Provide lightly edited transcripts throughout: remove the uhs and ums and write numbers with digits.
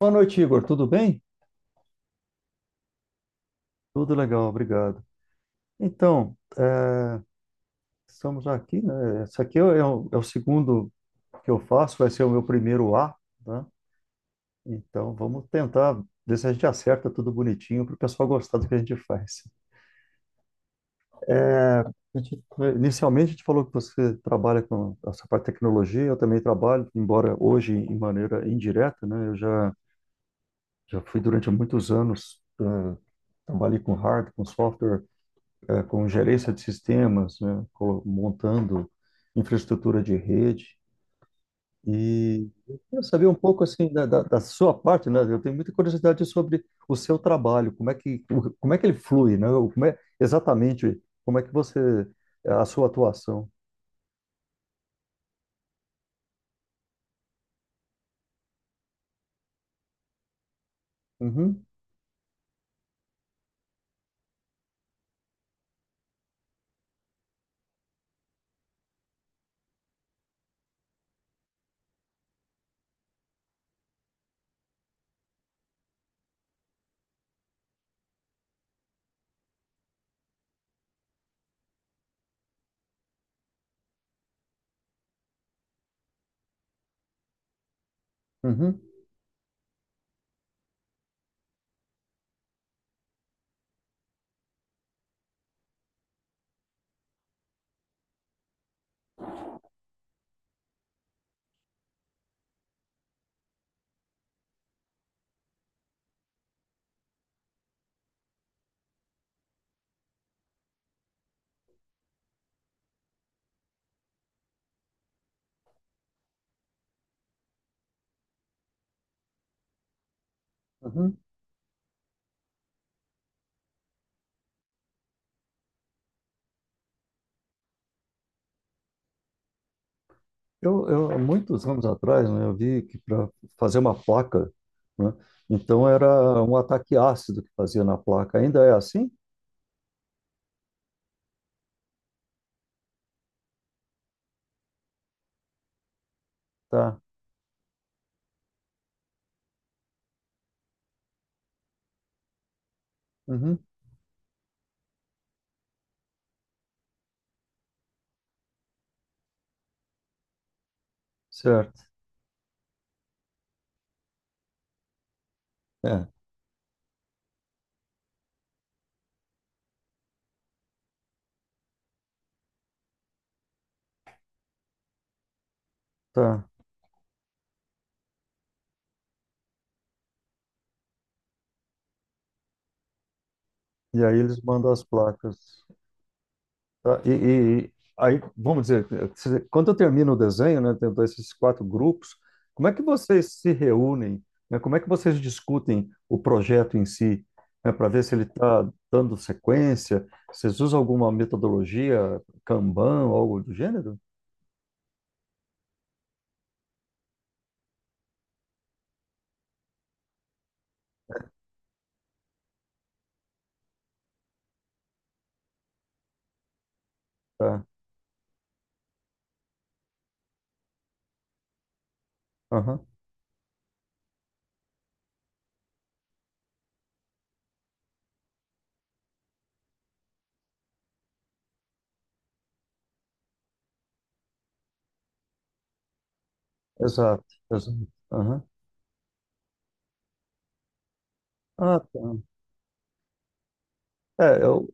Boa noite, Igor. Tudo bem? Tudo legal, obrigado. Então, estamos aqui, né? Esse aqui é é o segundo que eu faço, vai ser o meu primeiro A, né? Então, vamos tentar ver se a gente acerta tudo bonitinho para o pessoal gostar do que a gente faz. É, A gente- inicialmente, a gente falou que você trabalha com essa parte de tecnologia, eu também trabalho, embora hoje em maneira indireta, né? Já fui durante muitos anos, trabalhei com hardware, com software, com gerência de sistemas, né, montando infraestrutura de rede. E eu queria saber um pouco assim da sua parte, né? Eu tenho muita curiosidade sobre o seu trabalho, como é como é que ele flui, né? Ou como é exatamente como é que você é, a sua atuação? Uhum, uhum, uhum. Eu há muitos anos atrás, né, eu vi que para fazer uma placa, né, então era um ataque ácido que fazia na placa. Ainda é assim? Tá. Uhum, certo. É. Tá. E aí eles mandam as placas. Tá. E aí, vamos dizer, quando eu termino o desenho, né, tendo esses quatro grupos, como é que vocês se reúnem, né? Como é que vocês discutem o projeto em si, né, para ver se ele está dando sequência? Vocês usam alguma metodologia, Kanban, ou algo do gênero? Tá. Aham. Exato, exato. Aham. Ah, tá. É, eu...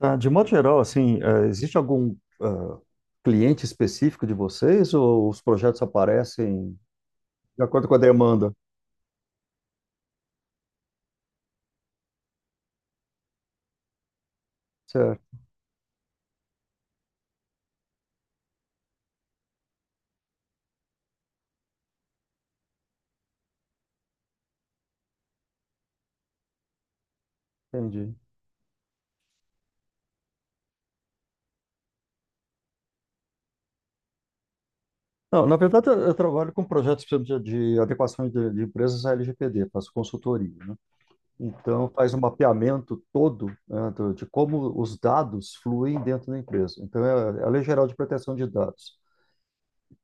Ah, de modo geral, assim, existe algum ah, cliente específico de vocês ou os projetos aparecem de acordo com a demanda? Certo, entendi. Não, na verdade, eu trabalho com projetos, por exemplo, de adequações de empresas à LGPD, faço consultoria, né? Então, faz um mapeamento todo, né, de como os dados fluem dentro da empresa. Então, é a Lei Geral de Proteção de Dados.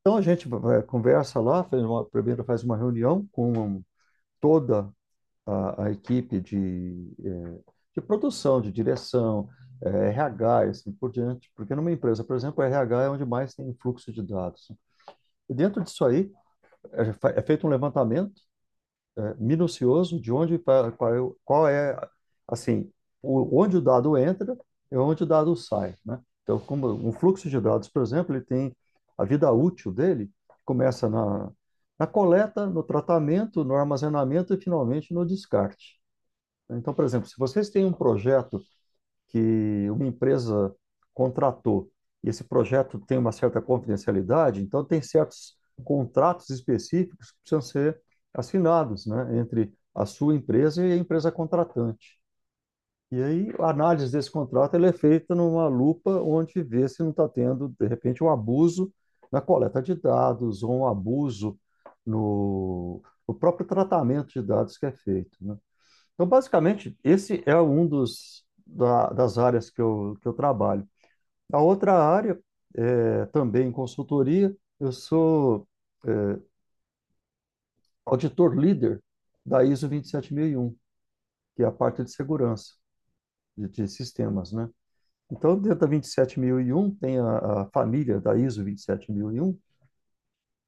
Então, a gente conversa lá, primeiro faz uma reunião com toda a equipe de produção, de direção, RH e assim por diante. Porque numa empresa, por exemplo, o RH é onde mais tem fluxo de dados. E dentro disso aí, é feito um levantamento minucioso de onde, qual é, assim, o, onde o dado entra e onde o dado sai, né? Então, como um fluxo de dados, por exemplo, ele tem a vida útil dele, começa na coleta, no tratamento, no armazenamento e finalmente no descarte. Então, por exemplo, se vocês têm um projeto que uma empresa contratou e esse projeto tem uma certa confidencialidade, então tem certos contratos específicos que precisam ser assinados, né, entre a sua empresa e a empresa contratante. E aí a análise desse contrato ela é feita numa lupa onde vê se não está tendo, de repente, um abuso na coleta de dados ou um abuso no, no próprio tratamento de dados que é feito, né? Então, basicamente, esse é um das áreas que que eu trabalho. A outra área, também em consultoria, eu sou é, auditor líder da ISO 27001, que é a parte de segurança de sistemas, né? Então, dentro da 27001 tem a família da ISO 27001 e 7001,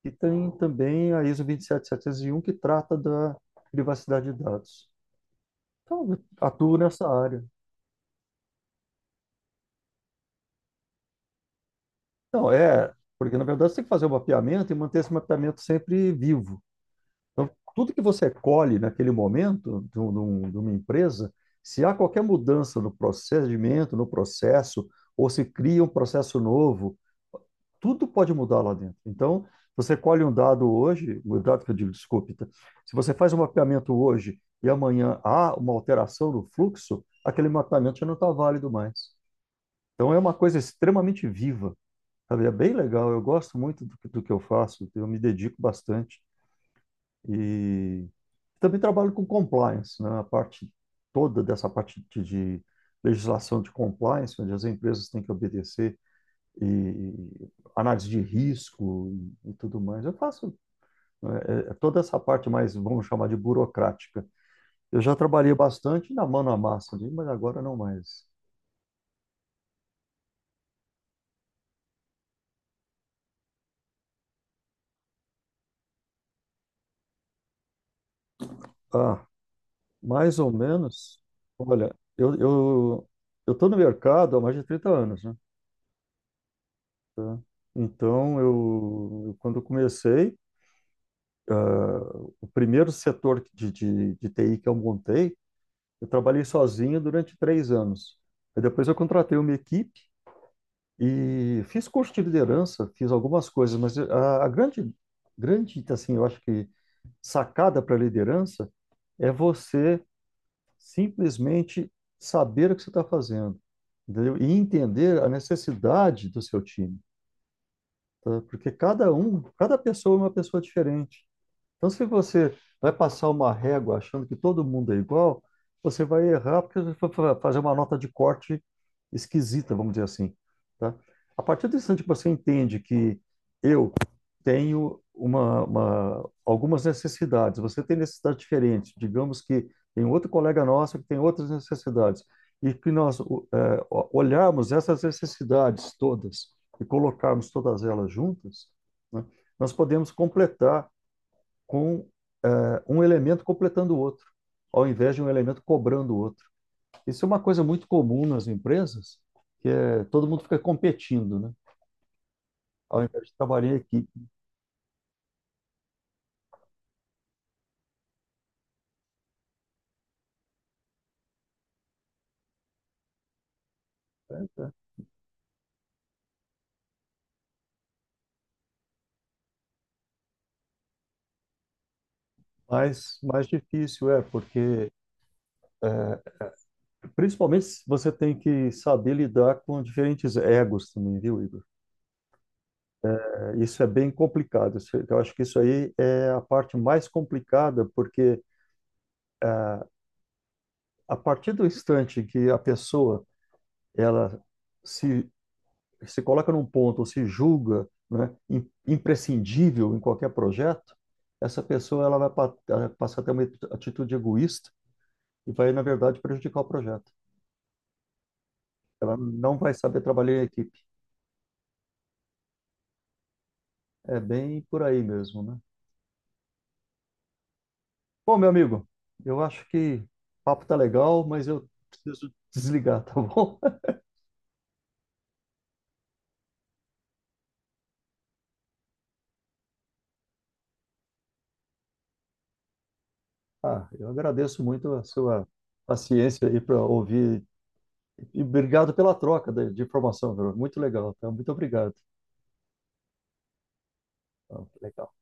e tem também a ISO 27701, que trata da privacidade de dados. Então, eu atuo nessa área. Então, porque na verdade você tem que fazer o mapeamento e manter esse mapeamento sempre vivo. Então, tudo que você colhe naquele momento de uma empresa, se há qualquer mudança no procedimento, no processo, ou se cria um processo novo, tudo pode mudar lá dentro. Então, você colhe um dado hoje, um dado, que eu digo, desculpe, tá? Se você faz um mapeamento hoje e amanhã há uma alteração no fluxo, aquele mapeamento já não está válido mais. Então, é uma coisa extremamente viva. Sabe, é bem legal, eu gosto muito do que eu faço, eu me dedico bastante e também trabalho com compliance, né? A parte toda dessa parte de legislação de compliance, onde as empresas têm que obedecer e análise de risco e tudo mais. Eu faço, né, é toda essa parte mais, vamos chamar, de burocrática. Eu já trabalhei bastante na mão na massa, ali, mas agora não mais. Ah, mais ou menos, olha, eu tô no mercado há mais de 30 anos, né? Tá? Então, quando eu comecei, o primeiro setor de TI que eu montei, eu trabalhei sozinho durante 3 anos. Aí depois eu contratei uma equipe e fiz curso de liderança, fiz algumas coisas, mas a grande, grande, assim, eu acho que sacada para liderança é você simplesmente saber o que você está fazendo, entendeu? E entender a necessidade do seu time, tá? Porque cada um, cada pessoa é uma pessoa diferente. Então, se você vai passar uma régua achando que todo mundo é igual, você vai errar porque você vai fazer uma nota de corte esquisita, vamos dizer assim, tá? A partir do instante que você entende que eu tenho algumas necessidades, você tem necessidades diferentes, digamos que tem outro colega nosso que tem outras necessidades, e que nós olharmos essas necessidades todas e colocarmos todas elas juntas, né, nós podemos completar com um elemento completando o outro, ao invés de um elemento cobrando o outro. Isso é uma coisa muito comum nas empresas, que é, todo mundo fica competindo, né? Ao invés de trabalhar em equipe. Né? Mas mais difícil é, porque principalmente você tem que saber lidar com diferentes egos também, viu, Igor? É, isso é bem complicado. Eu acho que isso aí é a parte mais complicada, porque a partir do instante que a pessoa ela se se coloca num ponto ou se julga, né, imprescindível em qualquer projeto, essa pessoa ela vai passar a ter uma atitude egoísta e vai, na verdade, prejudicar o projeto. Ela não vai saber trabalhar em equipe. É bem por aí mesmo, né? Bom, meu amigo, eu acho que o papo tá legal, mas eu preciso desligar, tá bom? Ah, eu agradeço muito a sua paciência aí para ouvir e obrigado pela troca de informação, Bruno. Muito legal, tá? Muito obrigado. Tá, legal.